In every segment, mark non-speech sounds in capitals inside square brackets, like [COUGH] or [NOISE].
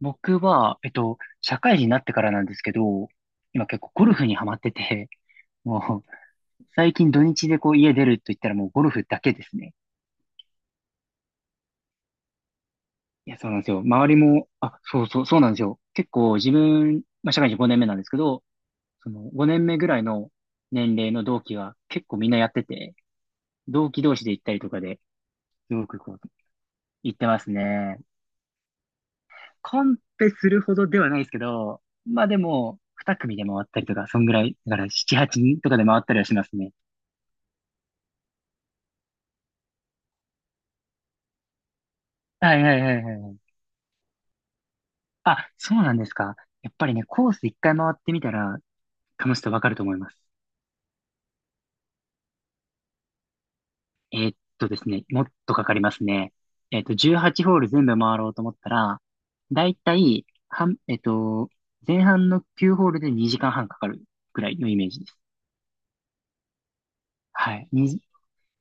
僕は、社会人になってからなんですけど、今結構ゴルフにハマってて、[LAUGHS] もう、最近土日でこう家出ると言ったらもうゴルフだけですね。いや、そうなんですよ。周りも、あ、そうそう、そうなんですよ。結構自分、まあ、社会人5年目なんですけど、その5年目ぐらいの年齢の同期が結構みんなやってて、同期同士で行ったりとかで、すごくこう、行ってますね。コンペするほどではないですけど、まあでも、2組で回ったりとか、そんぐらい、だから7、8人とかで回ったりはしますね。はいはいはいはい。あ、そうなんですか。やっぱりね、コース一回回ってみたら楽しさわかると思います。ですね、もっとかかりますね。18ホール全部回ろうと思ったら、だいたい、半えーっと、前半の9ホールで2時間半かかるくらいのイメージです。はい。2、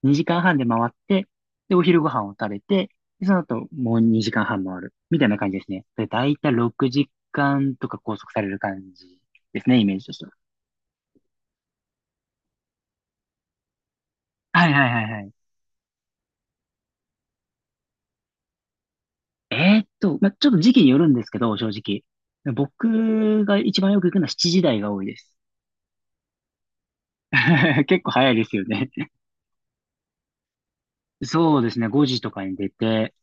2時間半で回って、で、お昼ご飯を食べて、でその後もう2時間半回る。みたいな感じですね。で、だいたい6時間とか拘束される感じですね、イメージとしては。はいはいはいはい。まあ、ちょっと時期によるんですけど、正直。僕が一番よく行くのは7時台が多いです。[LAUGHS] 結構早いですよね。そうですね、5時とかに出て、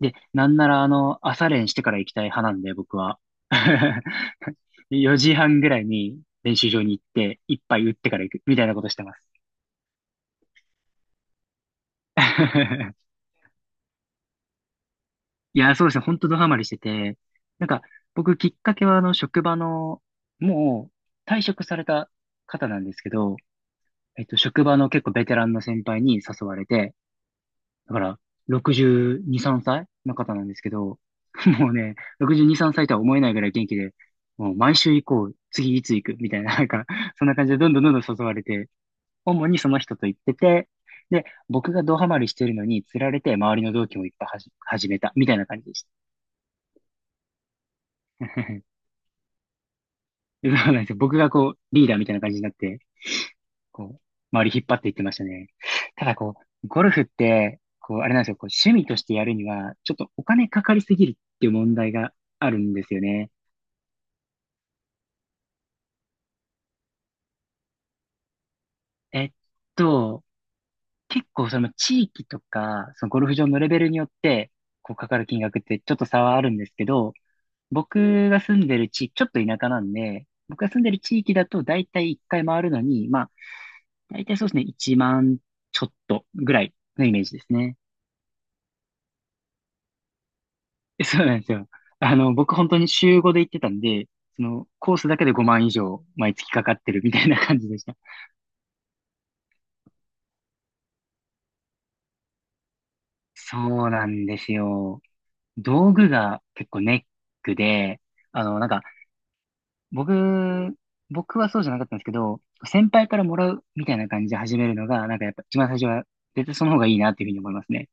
で、なんならあの、朝練してから行きたい派なんで、僕は。[LAUGHS] 4時半ぐらいに練習場に行って、一杯打ってから行く、みたいなことしてます。[LAUGHS] いや、そうですね、本当ドハマりしてて、なんか、僕きっかけはあの、職場の、もう退職された方なんですけど、職場の結構ベテランの先輩に誘われて、だから、62、3歳の方なんですけど、[LAUGHS] もうね、62、3歳とは思えないぐらい元気で、もう毎週行こう、次いつ行く、みたいな、なんか、そんな感じでどんどんどんどん誘われて、主にその人と行ってて、で、僕がドハマりしてるのに釣られて、周りの同期もいっぱい始めた、みたいな感じでした。[LAUGHS] そうなんですよ。僕がこう、リーダーみたいな感じになって、こう、周り引っ張っていってましたね。ただこう、ゴルフって、こう、あれなんですよ、こう、趣味としてやるには、ちょっとお金かかりすぎるっていう問題があるんですよね。えっと、結構その地域とか、そのゴルフ場のレベルによって、こう、かかる金額ってちょっと差はあるんですけど、僕が住んでる地域、ちょっと田舎なんで、僕が住んでる地域だと、だいたい1回回るのに、まあ、だいたいそうですね、1万ちょっとぐらいのイメージですね。そうなんですよ。あの、僕本当に週5で行ってたんで、その、コースだけで5万以上毎月かかってるみたいな感じでした。そうなんですよ。道具が結構ネックで、あの、なんか、僕、僕はそうじゃなかったんですけど、先輩からもらうみたいな感じで始めるのが、なんかやっぱ一番最初は絶対その方がいいなっていうふうに思いますね。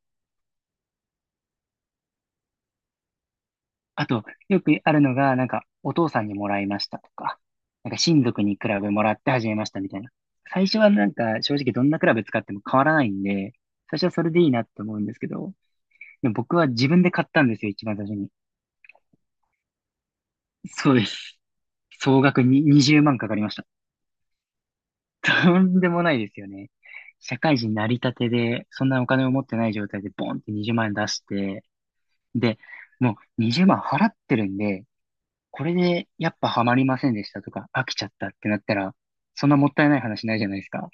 あと、よくあるのが、なんか、お父さんにもらいましたとか、なんか親族にクラブもらって始めましたみたいな。最初はなんか、正直どんなクラブ使っても変わらないんで、最初はそれでいいなって思うんですけど、でも僕は自分で買ったんですよ、一番最初に。そうです。総額に20万かかりました。[LAUGHS] とんでもないですよね。社会人なりたてで、そんなお金を持ってない状態でボンって20万円出して、で、もう20万払ってるんで、これでやっぱハマりませんでしたとか、飽きちゃったってなったら、そんなもったいない話ないじゃないですか。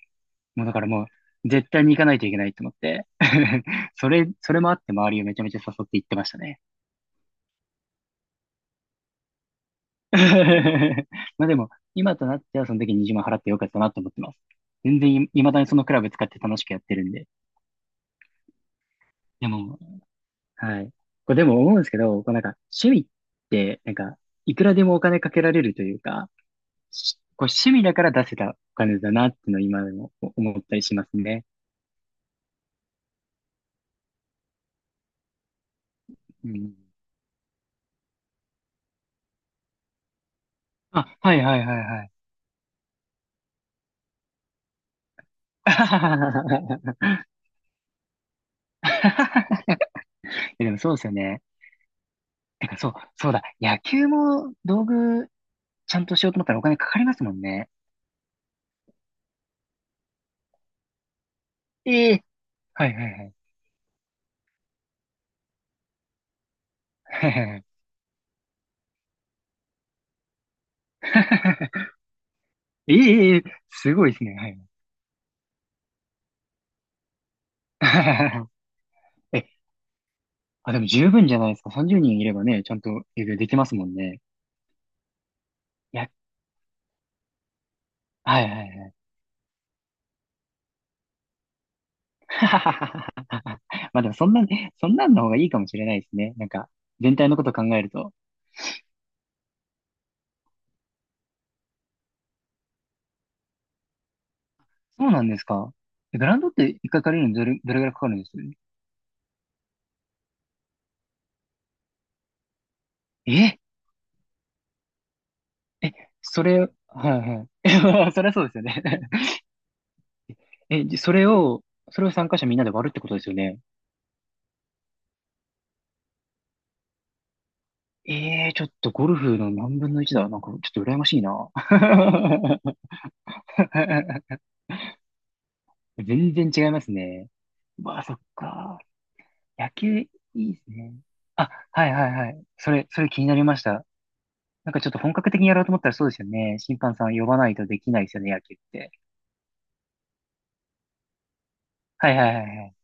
もうだからもう、絶対に行かないといけないと思って。[LAUGHS] それもあって周りをめちゃめちゃ誘って行ってましたね。[LAUGHS] まあでも、今となってはその時20万払ってよかったなと思ってます。全然い、未だにそのクラブ使って楽しくやってるんで。でも、はい。これでも思うんですけど、こうなんか趣味って、なんか、いくらでもお金かけられるというか、しこう趣味だから出せたお金だなっていうのを今でも思ったりしますね。うん。あ、はいはいはいはい。[LAUGHS] いやでもそうですよね。てからそう、そうだ。野球も道具ちゃんとしようと思ったらお金かかりますもんね。ええ、はいはいはい。[LAUGHS] ええええ、すごいですね。はい。[LAUGHS] え、あ、でも十分じゃないですか。30人いればね、ちゃんと営業できますもんね。いや、はいはいはい。[LAUGHS] まあでもそんなね、そんなんの方がいいかもしれないですね。なんか、全体のこと考えると。そうなんですか。え、グラウンドって一回借りるのにどれぐらいかかるんですええ、それ、はいはい。[LAUGHS] そりゃそうですよね。 [LAUGHS] え、じそれを、それを参加者みんなで割るってことですよね。ええー、ちょっとゴルフの何分の1だ。なんか、ちょっと羨ましいな。[LAUGHS] 全然違いますね。まあ、そっか。野球いいですね。あ、はいはいはい。それ気になりました。なんかちょっと本格的にやろうと思ったらそうですよね。審判さん呼ばないとできないですよね、野球って。はいはいはいはい。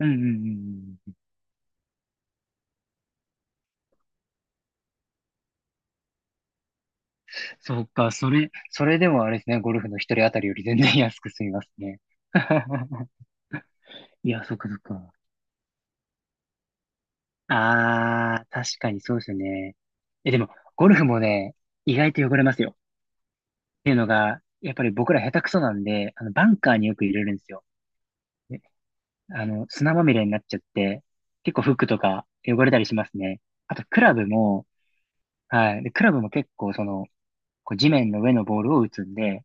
うんうんうんうん。そうか、それでもあれですね、ゴルフの一人当たりより全然安く済みますね。[LAUGHS] いや、そっかそっか。あー、確かにそうですよね。え、でも、ゴルフもね、意外と汚れますよ。っていうのが、やっぱり僕ら下手くそなんで、あの、バンカーによく入れるんですよ。あの、砂まみれになっちゃって、結構服とか汚れたりしますね。あと、クラブも、はい。で、クラブも結構、その、こう地面の上のボールを打つんで、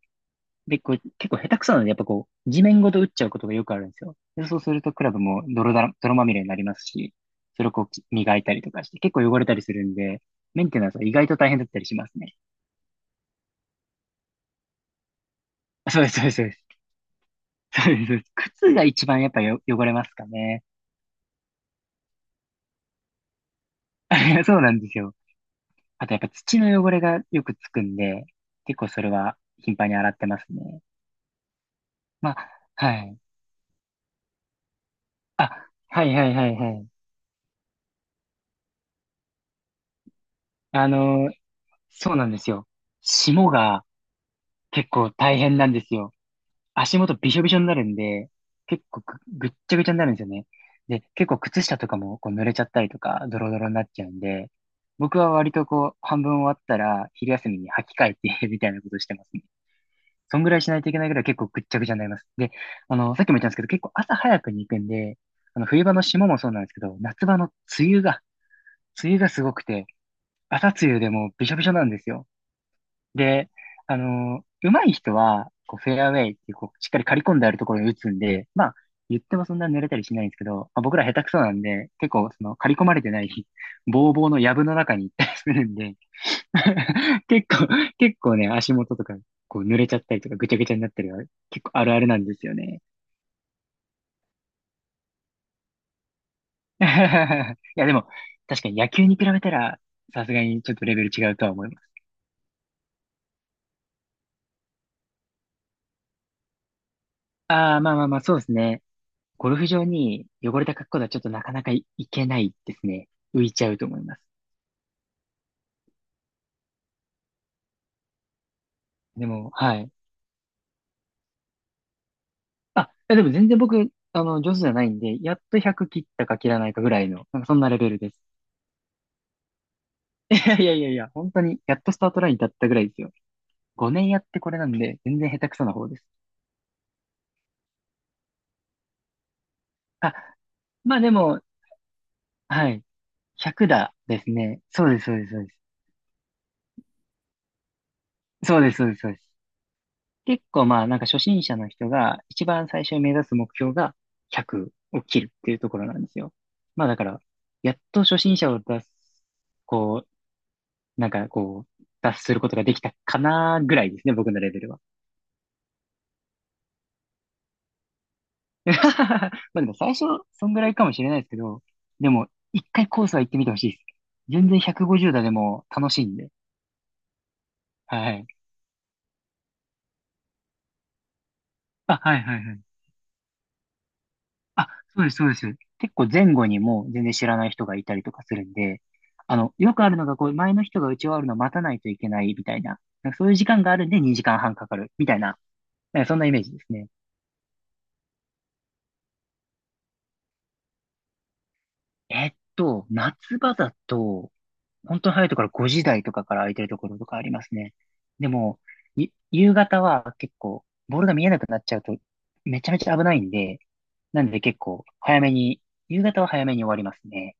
で、こう、結構下手くそなので、やっぱこう、地面ごと打っちゃうことがよくあるんですよ。で、そうすると、クラブも泥だら、泥まみれになりますし、それをこう、磨いたりとかして、結構汚れたりするんで、メンテナンスは意外と大変だったりしますね。あ、そうです、そうです、そうです。そうです。そうです、靴が一番やっぱよ汚れますかね。[LAUGHS] そうなんですよ。あとやっぱ土の汚れがよくつくんで、結構それは頻繁に洗ってますね。まあ、はい。はいはいはいはい。あのーそうなんですよ。霜が結構大変なんですよ。足元びしょびしょになるんで、結構ぐっちゃぐちゃになるんですよね。で、結構靴下とかもこう濡れちゃったりとか、ドロドロになっちゃうんで、僕は割とこう、半分終わったら、昼休みに履き替えて [LAUGHS] みたいなことしてますね。そんぐらいしないといけないぐらい結構ぐっちゃぐちゃになります。で、さっきも言ったんですけど、結構朝早くに行くんで、冬場の霜もそうなんですけど、夏場の梅雨が、梅雨がすごくて、朝梅雨でもうびしょびしょなんですよ。で、上手い人は、こう、フェアウェイっていう、こう、しっかり刈り込んであるところに打つんで、まあ、言ってもそんな濡れたりしないんですけど、まあ、僕ら下手くそなんで、結構、刈り込まれてない、[LAUGHS] ぼうぼうの藪の中に行ったりするんで、[LAUGHS] 結構、結構ね、足元とか、こう濡れちゃったりとか、ぐちゃぐちゃになったりは、結構あるあるなんですよね。[LAUGHS] いや、でも、確かに野球に比べたら、さすがにちょっとレベル違うとは思います。ああ、まあまあまあ、そうですね。ゴルフ場に汚れた格好ではちょっとなかなかいけないですね。浮いちゃうと思います。でも、はい。あ、いやでも全然僕、上手じゃないんで、やっと100切ったか切らないかぐらいの、なんかそんなレベルです。[LAUGHS] いやいやいやいや、本当に、やっとスタートラインに立ったぐらいですよ。5年やってこれなんで、全然下手くそな方です。あ、まあでも、はい。100だですね。そうです、そうです、そうです。そうです、そうです、そうです。結構まあ、なんか初心者の人が一番最初に目指す目標が100を切るっていうところなんですよ。まあだから、やっと初心者を出す、こなんかこう、脱することができたかなぐらいですね、僕のレベルは。[LAUGHS] まあでも最初、そんぐらいかもしれないですけど、でも、一回コースは行ってみてほしいです。全然150打でも楽しいんで。はい。あ、はいはいはい。あ、そうです、そうです。結構前後にもう全然知らない人がいたりとかするんで、よくあるのが、こう、前の人が打ち終わるのを待たないといけないみたいな、なんかそういう時間があるんで2時間半かかるみたいな、なんかそんなイメージですね。えっと、夏場だと、本当に早いところ5時台とかから空いてるところとかありますね。でも、夕方は結構、ボールが見えなくなっちゃうと、めちゃめちゃ危ないんで、なんで結構、早めに、夕方は早めに終わりますね。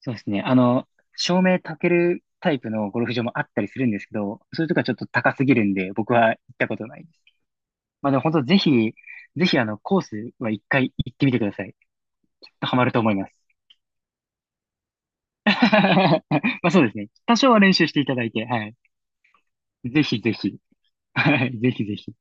そうですね。照明焚けるタイプのゴルフ場もあったりするんですけど、それとかちょっと高すぎるんで、僕は行ったことないです。まあでも本当ぜひ、ぜひコースは一回行ってみてください。きっとハマると思います。[LAUGHS] まあそうですね。多少は練習していただいて、はい。ぜひぜひ。はい。ぜひぜひ。